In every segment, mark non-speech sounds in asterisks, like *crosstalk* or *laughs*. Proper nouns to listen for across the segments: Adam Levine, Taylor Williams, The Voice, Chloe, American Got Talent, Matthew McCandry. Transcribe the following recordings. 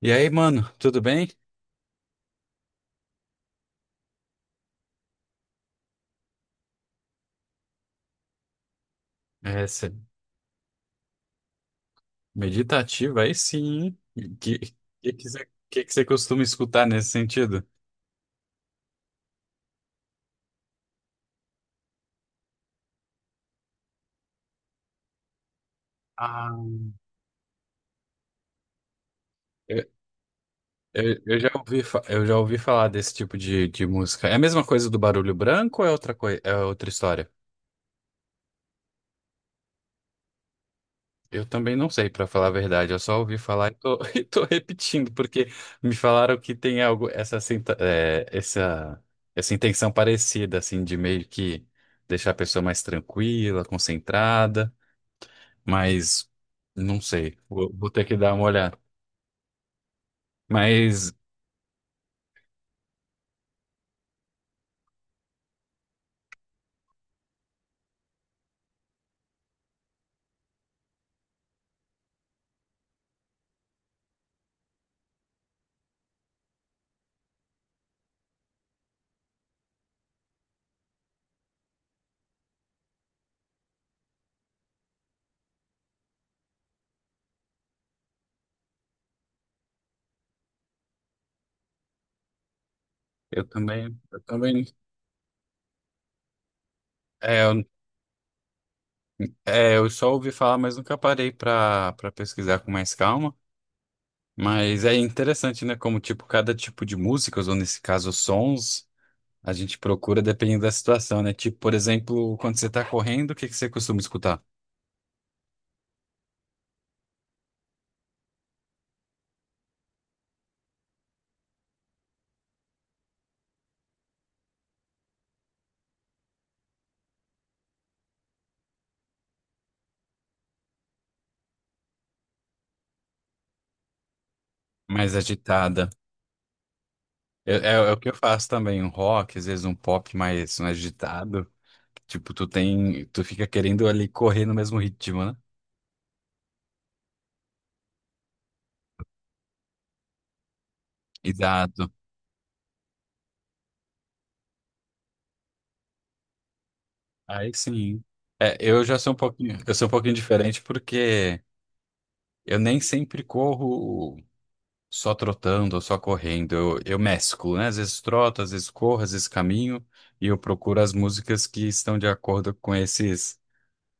E aí, mano, tudo bem? Essa meditativa aí sim, hein? Que que você costuma escutar nesse sentido? Ah. Eu, eu já ouvi, eu já ouvi falar desse tipo de música. É a mesma coisa do barulho branco ou é outra coisa, é outra história? Eu também não sei, pra falar a verdade. Eu só ouvi falar e tô, *laughs* e tô repetindo, porque me falaram que tem algo, essa, sinta- é, essa intenção parecida, assim, de meio que deixar a pessoa mais tranquila, concentrada. Mas não sei. Vou ter que dar uma olhada. Mas eu também, é, eu, é, eu só ouvi falar, mas nunca parei para pesquisar com mais calma. Mas é interessante, né? Como tipo cada tipo de músicas, ou nesse caso sons, a gente procura dependendo da situação, né? Tipo, por exemplo, quando você tá correndo, o que que você costuma escutar? Mais agitada. É o que eu faço também, um rock, às vezes um pop mais, mais agitado. Tipo, tu tem, tu fica querendo ali correr no mesmo ritmo, né? Exato. Aí sim. É, eu sou um pouquinho diferente porque eu nem sempre corro só trotando ou só correndo. Eu mesclo, né? Às vezes troto, às vezes corro, às vezes caminho e eu procuro as músicas que estão de acordo com esses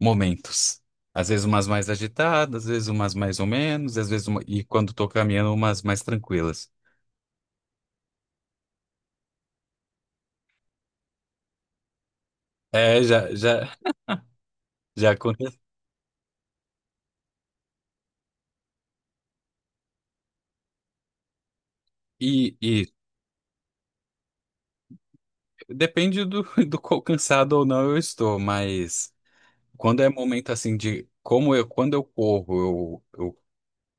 momentos. Às vezes umas mais agitadas, às vezes umas mais ou menos, e quando estou caminhando umas mais tranquilas. É, já, já, já acontece. E depende do, *laughs* do quão cansado ou não eu estou, mas quando é momento assim de como eu quando eu corro, eu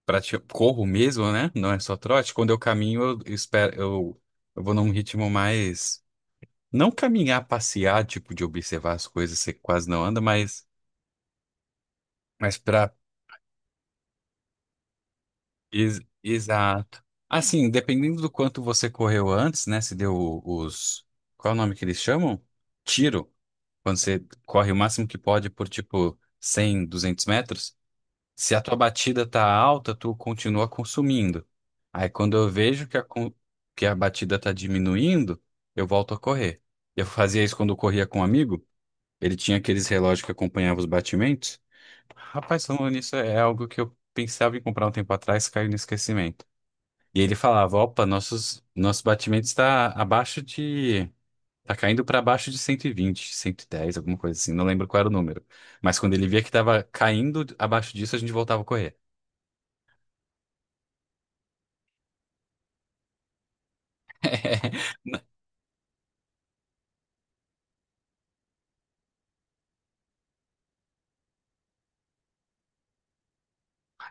pratico, corro mesmo, né? Não é só trote. Quando eu caminho, eu espero, eu vou num ritmo mais não caminhar, passear, tipo de observar as coisas, você quase não anda, mas para exato. Assim, dependendo do quanto você correu antes, né? Se deu os qual é o nome que eles chamam? Tiro, quando você corre o máximo que pode por tipo 100, 200 metros. Se a tua batida tá alta, tu continua consumindo. Aí quando eu vejo que a batida tá diminuindo, eu volto a correr. Eu fazia isso quando eu corria com um amigo, ele tinha aqueles relógios que acompanhavam os batimentos. Rapaz, falando nisso, é algo que eu pensava em comprar um tempo atrás, caiu no esquecimento. E ele falava: opa, nosso batimento está abaixo de... Tá caindo para baixo de 120, 110, alguma coisa assim, não lembro qual era o número. Mas quando ele via que estava caindo abaixo disso, a gente voltava a correr. *laughs*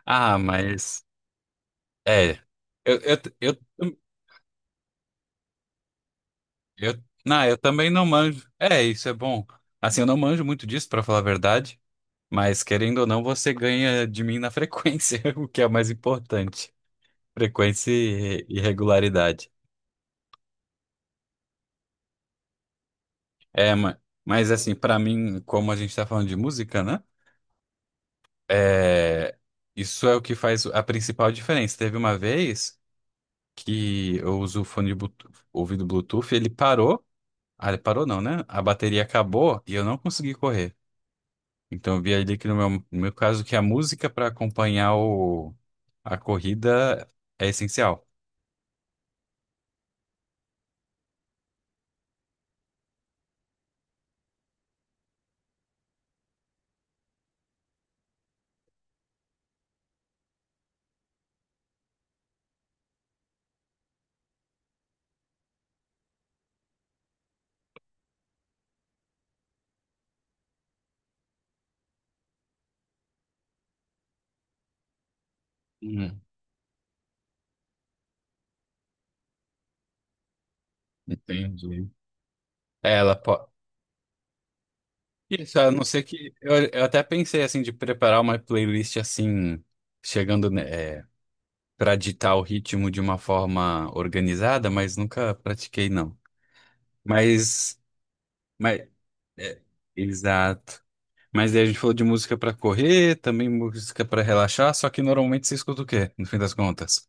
Ah, mas é. Eu, eu, eu, não, eu também não manjo. É, isso é bom. Assim, eu não manjo muito disso, pra falar a verdade, mas querendo ou não, você ganha de mim na frequência, *laughs* o que é o mais importante. Frequência e regularidade. É, ma- mas assim, pra mim, como a gente tá falando de música, né? É, isso é o que faz a principal diferença. Teve uma vez que eu uso o fone de Bluetooth, ouvido Bluetooth, ele parou. Ah, ele parou não, né? A bateria acabou e eu não consegui correr. Então eu vi ali que no meu caso que a música para acompanhar a corrida é essencial. Hum, entendi. É, ela pode. Isso, a não ser que. Eu até pensei assim de preparar uma playlist assim, chegando, né, é, para ditar o ritmo de uma forma organizada, mas nunca pratiquei, não. Mas. Mas é, exato. Mas daí a gente falou de música pra correr, também música pra relaxar, só que normalmente você escuta o quê, no fim das contas?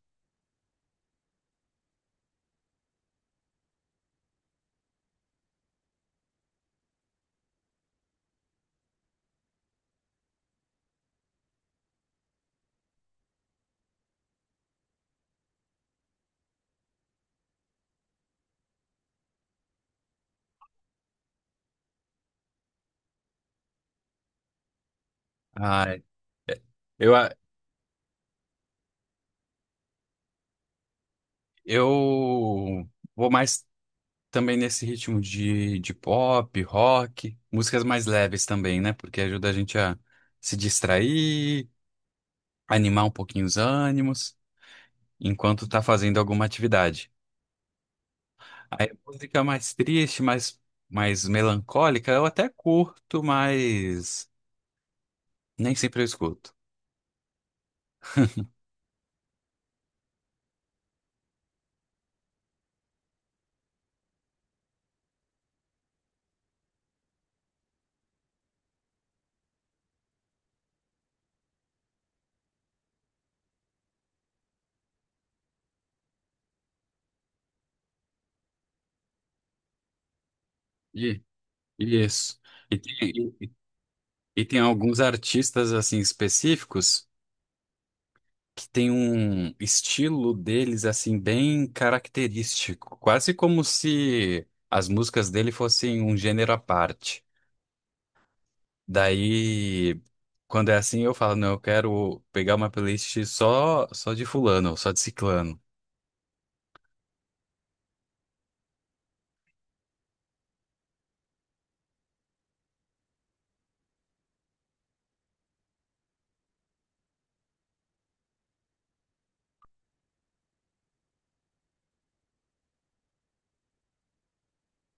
Ah, é- eu, a- eu vou mais também nesse ritmo de pop, rock, músicas mais leves também, né? Porque ajuda a gente a se distrair, animar um pouquinho os ânimos, enquanto tá fazendo alguma atividade. Aí música mais triste, mais, mais melancólica, eu até curto, mas nem sempre eu escuto. Isso. E tem, e- e tem alguns artistas assim específicos que tem um estilo deles assim bem característico, quase como se as músicas dele fossem um gênero à parte. Daí, quando é assim, eu falo, não, eu quero pegar uma playlist só de fulano, só de ciclano.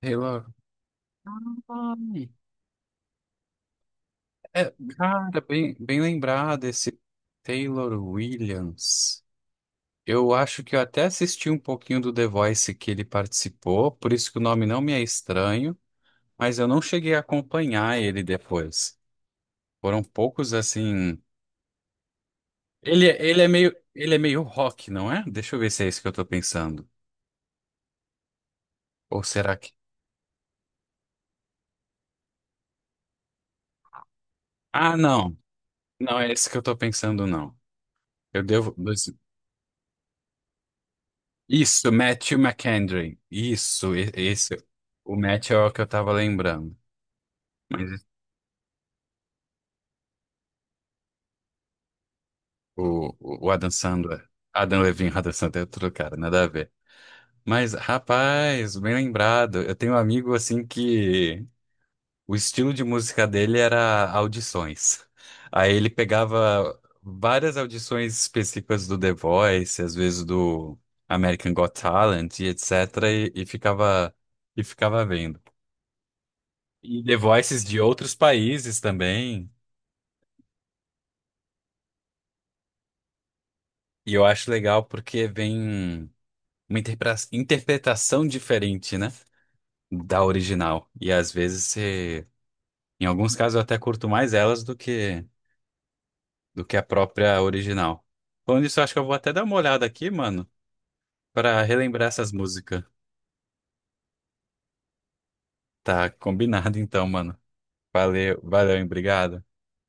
Taylor. Ai, é, cara, bem, bem lembrado esse Taylor Williams. Eu acho que eu até assisti um pouquinho do The Voice que ele participou, por isso que o nome não me é estranho, mas eu não cheguei a acompanhar ele depois. Foram poucos assim. Ele é meio rock, não é? Deixa eu ver se é isso que eu tô pensando. Ou será que. Ah, não. Não é esse que eu tô pensando, não. Eu devo. Isso, Matthew McCandry. Isso, esse. O Matt é o que eu tava lembrando. Mas o Adam Sandler. Adam Levine, *laughs* Adam Sandler é outro cara, nada a ver. Mas, rapaz, bem lembrado. Eu tenho um amigo assim que o estilo de música dele era audições. Aí ele pegava várias audições específicas do The Voice, às vezes do American Got Talent e etc. e, e ficava e ficava vendo. E The Voices de outros países também. E eu acho legal porque vem uma interpretação diferente, né, da original. E às vezes em alguns casos eu até curto mais elas do que a própria original. Falando nisso, eu acho que eu vou até dar uma olhada aqui, mano, pra relembrar essas músicas. Tá combinado então, mano. Valeu, hein? Obrigado.